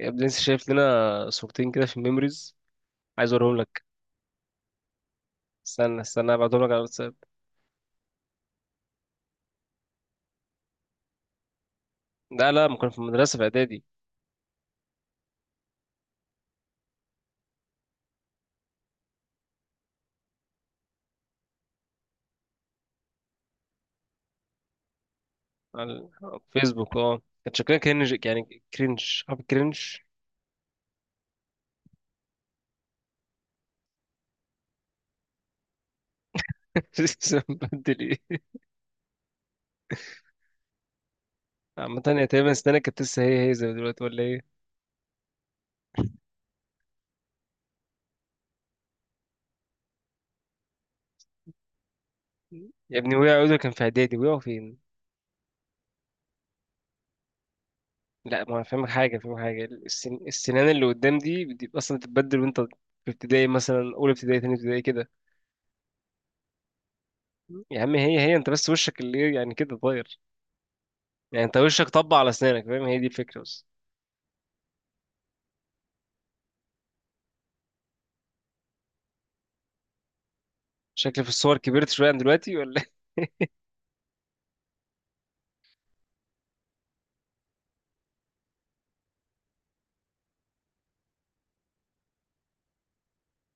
يا ابني لسه شايف لنا صورتين كده في الميموريز. عايز اوريهم لك. استنى ابعتهم لك على الواتساب. لا لا، ما كنا في المدرسه في اعدادي. على الفيسبوك، اه كان شكلها كرنج، يعني كرنج. عارف كرنج؟ لسه مبدل ايه؟ عامة هي تقريبا السنة كانت لسه هي هي زي دلوقتي ولا ايه؟ يا ابني وقع، عودة كان في اعدادي، وقعوا فين؟ لا ما انا فاهمك حاجة، فاهمك حاجة. السنان اللي قدام دي بتبقى اصلا بتتبدل وانت في ابتدائي، مثلا اولى ابتدائي تاني ابتدائي كده. يا عم هي هي، انت بس وشك اللي إيه، يعني كده اتغير. يعني انت وشك طبع على اسنانك، فاهم؟ هي دي الفكره بس. شكلي في الصور كبرت شويه عن دلوقتي ولا إيه؟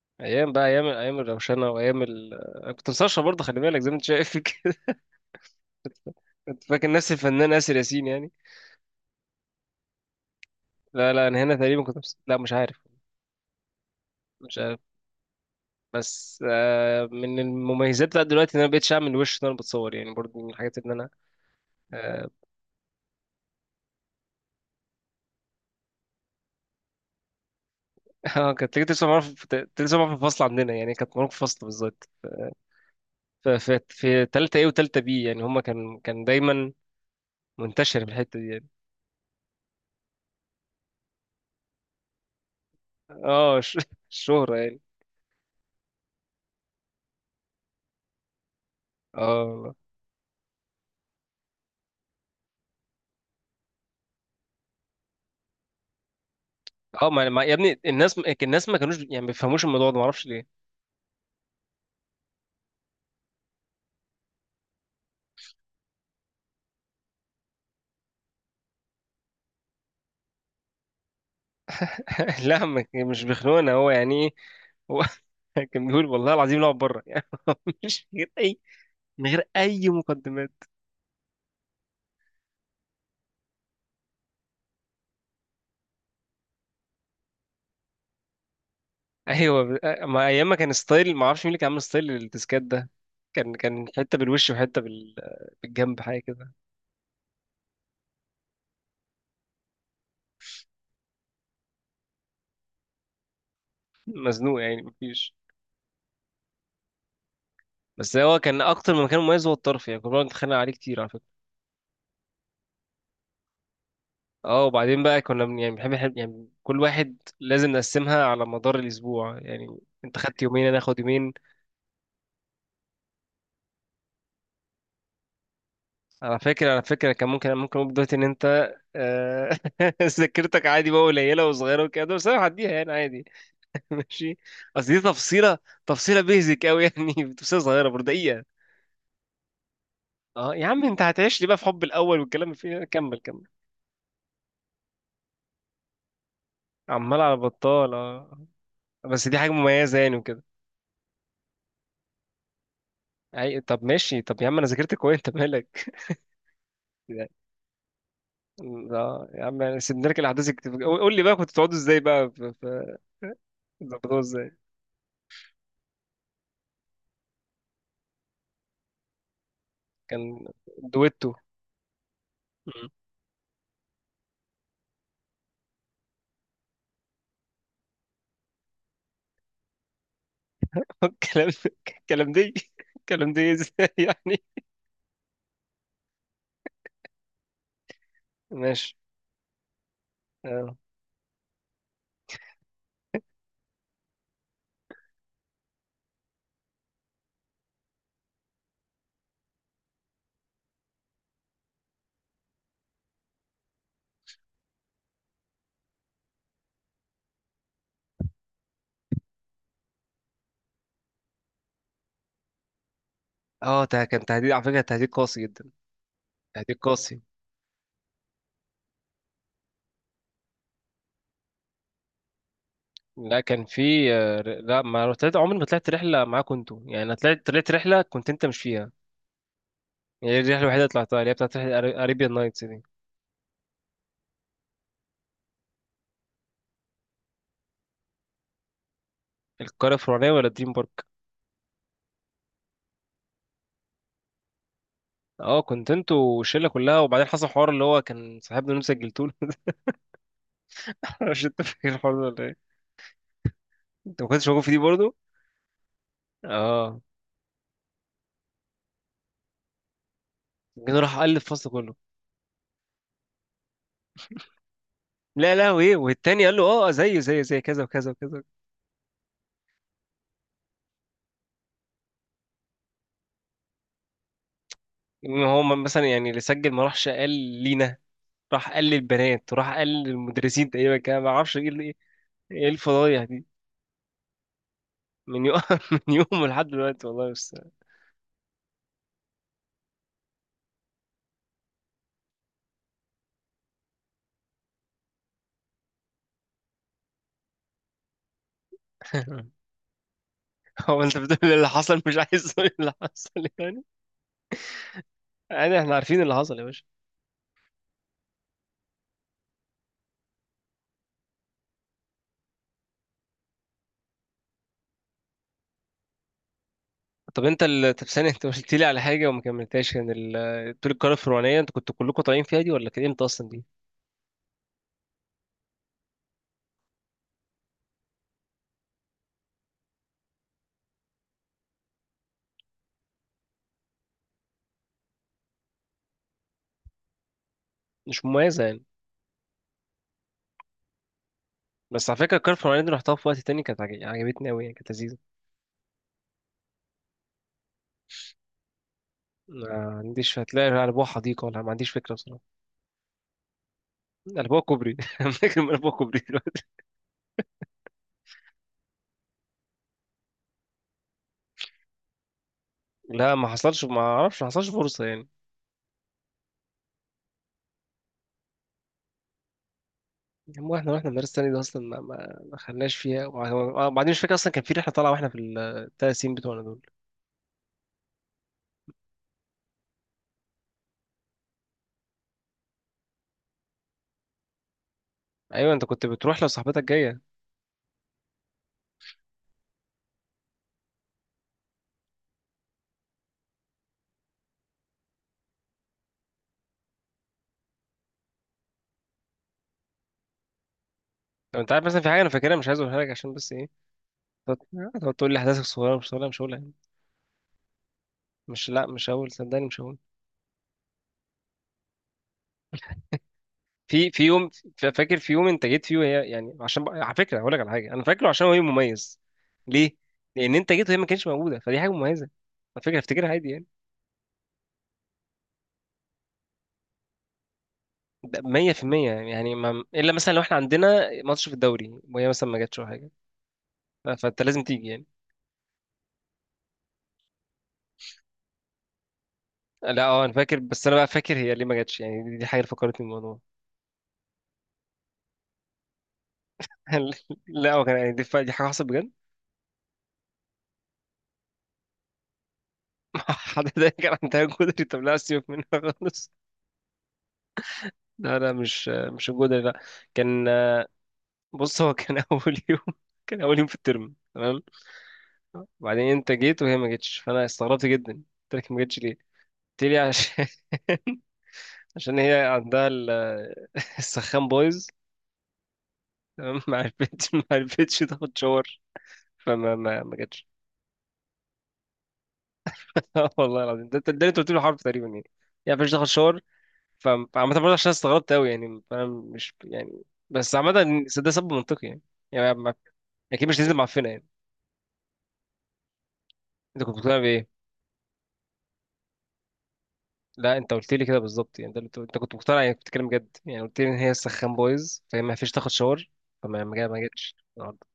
ايام بقى، ايام، ايام الروشنه وايام انا كنت مسرشه برضه، خلي بالك، زي ما انت شايف كده. كنت فاكر نفسي الفنان اسر ياسين يعني. لا لا انا هنا تقريبا لا مش عارف. مش عارف. بس آه، من المميزات بتاعت دلوقتي ان انا مبقتش اعمل وش ان انا بتصور، يعني برضه من الحاجات ان انا اه. آه، كانت تيجي تسمع معانا في، كانت تيجي تسمع معانا في الفصل عندنا، يعني كانت معانا في الفصل بالظبط. في تالتة ايه وتالتة بي، يعني هما كان دايما منتشر في الحتة دي يعني. اه الشهرة يعني. اه والله. اه يا ابني، الناس، الناس ما كانوش، يعني ما بيفهموش الموضوع ده، ما اعرفش ليه. لا ما كان- مش بيخنقنا، هو يعني ايه؟ هو كان بيقول والله العظيم نقعد بره، يعني مش من غير اي، من غير اي مقدمات. ايوه ما ايام ما كان ستايل، ما اعرفش مين اللي كان عامل ستايل التسكات ده. كان حته بالوش وحته بالجنب، حاجه كده. مزنوق يعني، مفيش. بس هو كان اكتر من مكان مميز، هو الطرف يعني، كنا بنقعد نتخانق عليه كتير على فكره. اه وبعدين بقى يعني يعني كل واحد لازم نقسمها على مدار الاسبوع يعني. انت خدت يومين انا اخد يومين. على فكره، على فكره كان ممكن اقول دلوقتي ان انت آه، ذاكرتك عادي بقى قليله وصغيره وكده، بس انا هعديها يعني عادي. ماشي. اصل دي تفصيله، تفصيله بيزك قوي يعني، تفصيله صغيره برضه دقيقه. اه يا عم، انت هتعيش لي بقى في حب الاول والكلام اللي فيه ده. كمل كمل. عمال على بطال، اه. بس دي حاجه مميزه يعني وكده. أي- طب ماشي، طب يا عم انا ذاكرت كويس، انت مالك؟ لا يا عم، يعني نركن الاحداث الكتير. قول، قول لي بقى كنتوا بتقعدوا ازاي بقى في ظبطوها ازاي؟ كان دويتو. مم. الكلام، الكلام دي، الكلام دي ازاي يعني؟ ماشي. اه، آه، ده كان تهديد على فكره، تهديد قاسي جدا. تهديد قاسي. لا كان في، آه، لا ما طلعت، عمري ما طلعت رحله معاكم انتوا يعني، انا طلعت رحله كنت انت مش فيها. هي دي الرحله الوحيده اللي طلعتها، اللي هي بتاعت اريبيان نايتس دي. القريه الفرعونيه ولا دريم بارك؟ اه كنت انتوا والشله كلها، وبعدين حصل حوار اللي هو كان صاحبنا اللي انتوا سجلتوه. مش انت فاكر الحوار ده ولا ايه؟ انت ما كنتش موجود في دي برضه. اه، جنو راح قال الفصل كله. لا لا، وايه والتاني قال له اه زيه زيه زي كذا وكذا وكذا. إن هو مثلا يعني اللي سجل ما راحش قال لينا، راح قال للبنات وراح قال للمدرسين تقريبا، كده ما اعرفش ايه ايه. إيه الفضايح دي! من يوم من يوم لحد دلوقتي والله بس. هو انت بتقول إيه اللي حصل؟ مش عايز تقول إيه اللي حصل يعني؟ يعني احنا عارفين اللي حصل يا باشا. طب انت طب ثانية، انت قلت لي على حاجة وما كملتهاش، كان طول القارة الفرعونية انت كنتوا كلكم طالعين فيها دي، ولا كانت امتى اصلا دي؟ مش مميزة يعني. بس على فكرة القارة الفرعونية دي رحتها في وقت تاني، كانت عجبتني أوي، يعني كانت لذيذة. ما عنديش، هتلاقي قلبوها حديقة، ولا ما عنديش فكرة بصراحة. قلبوها كوبري فاكر من قلبوها كوبري دلوقتي؟ لا ما حصلش، ما اعرفش، ما حصلش فرصة يعني. هو احنا واحنا المدرسة التانية دي اصلا ما خلناش فيها، وبعدين مش فاكر اصلا كان في رحلة طالعة واحنا في الثلاث سنين بتوعنا دول. ايوه انت كنت بتروح لو صاحبتك جاية. لو انت عارف مثلا في حاجة انا فاكرها، مش عايز اقولها لك عشان بس إيه، هتقعد تقول لي احداثك صغيره، مش صغيره، مش هقولها يعني. مش، لا مش هقول، صدقني مش هقول. في يوم، فاكر في يوم انت جيت فيه وهي، يعني عشان بقى، على فكره هقول لك على حاجه انا فاكره، عشان هو يوم مميز. ليه؟ لان انت جيت وهي ما كانتش موجوده، فدي حاجه مميزه. على فكره افتكرها عادي يعني. ده 100% يعني ما... الا مثلا لو احنا عندنا ماتش في الدوري وهي مثلا ما جاتش ولا حاجه. فانت لازم تيجي يعني. لا اه انا فاكر، بس انا بقى فاكر هي ليه ما جاتش، يعني دي حاجه اللي فكرتني بالموضوع. لا هو كان يعني دي حاجه حصلت. حد ده كان عندها جدري، طب لا سيبك منها خالص. لا لا مش، مش الجدري، لا. كان، بص هو كان اول يوم، كان اول يوم في الترم تمام. وبعدين انت جيت وهي ما جتش، فانا استغربت جدا قلت لك ما جتش ليه؟ قلت لي عشان، عشان هي عندها السخان بايظ. تمام، ما عرفتش، ما عرفتش تاخد شاور، فما ما ما جتش. والله العظيم ده، ده اللي انت قلت له حرف تقريبا يعني، يعني ما عرفتش تاخد شاور. فعامة برضه، عشان استغربت أوي يعني، أنا مش يعني، بس عامة ده سبب منطقي يعني، يعني ما- أكيد مش هتنزل معفنة يعني. أنت كنت مقتنع بإيه؟ لا أنت قلت لي كده بالظبط، يعني ده اللي أنت، أنت كنت مقتنع يعني، كنت بتتكلم جد يعني، قلت لي إن هي سخان بايظ فهي ما فيش تاخد شاور، فما ما جا- ما جاتش النهاردة.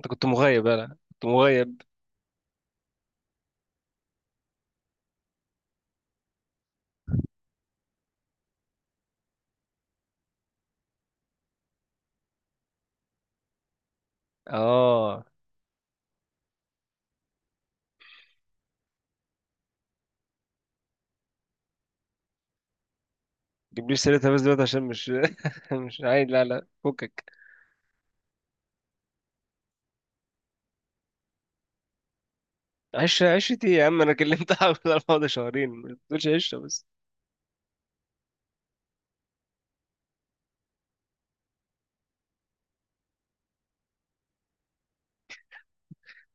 أنت كنت مغيب، لا لا كنت مغيب. آه، جيبليش سيرتها بس دلوقتي عشان مش مش عايز، لا لا فكك. عشتي يا عم؟ أنا كلمتها على الموضوع ده شهرين، ما تقولش عشة بس.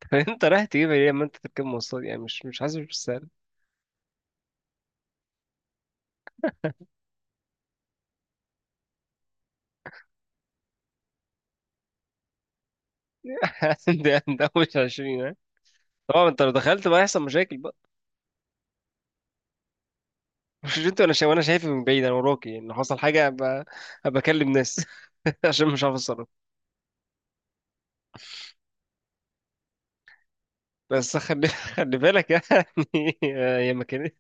انت رايح تجيب ايه لما انت تركب مواصلات، يعني مش حاسب بالسعر. ده، ده مش 20 ها؟ طبعا انت لو دخلت بقى هيحصل مشاكل بقى. مش انت وانا شايف، وانا شايف من بعيد، انا وراكي ان حصل حاجه ابقى، ابقى اكلم ناس، عشان مش عارف اتصرف. بس خلي خلي بالك يعني. هي مكان،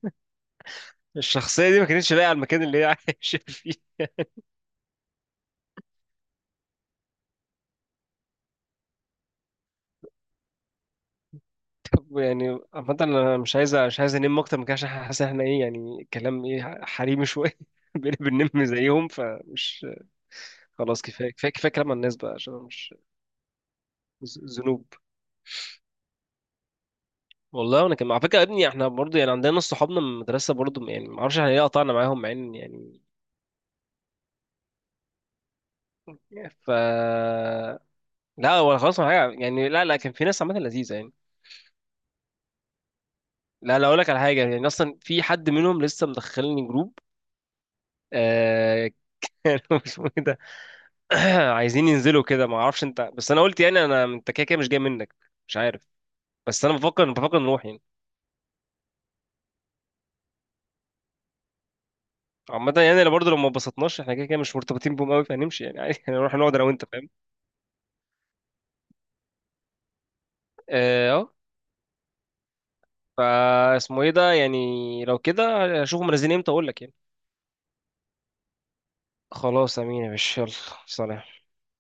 الشخصيه دي ما كانتش لاقيه على المكان اللي هي عايشه فيه. طب يعني عامه انا مش عايز انام اكتر من كده عشان حاسس ان احنا ايه، يعني كلام ايه حريمي شويه، بنبقى بننم زيهم فمش. خلاص، كفايه كفايه كفايه كلام عن الناس بقى عشان أنا مش، ذنوب. والله وانا كمان على فكره، يا ابني احنا برضه يعني عندنا ناس صحابنا من المدرسه برضه، يعني ما اعرفش احنا ليه قطعنا معاهم مع ان يعني ف لا ولا خلاص ولا حاجه يعني، لا لا كان في ناس عامه لذيذه يعني. لا لا اقول لك على حاجه، يعني اصلا في حد منهم لسه مدخلني جروب. آه... كانوا، اسمه ايه ده، عايزين ينزلوا كده، ما اعرفش انت بس انا قلت يعني، انا انت كده كده مش جاي منك. مش عارف. بس انا بفكر نروح يعني. عامة يعني انا برضه لو ما اتبسطناش احنا كده كده مش مرتبطين بهم قوي فهنمشي يعني عادي، هنروح نقعد انا وانت، فاهم. اه اه. فاسمه ايه ده يعني، لو كده اشوفه منزلين امتى اقول لك يعني. خلاص امين يا باشا، يلا. سلام.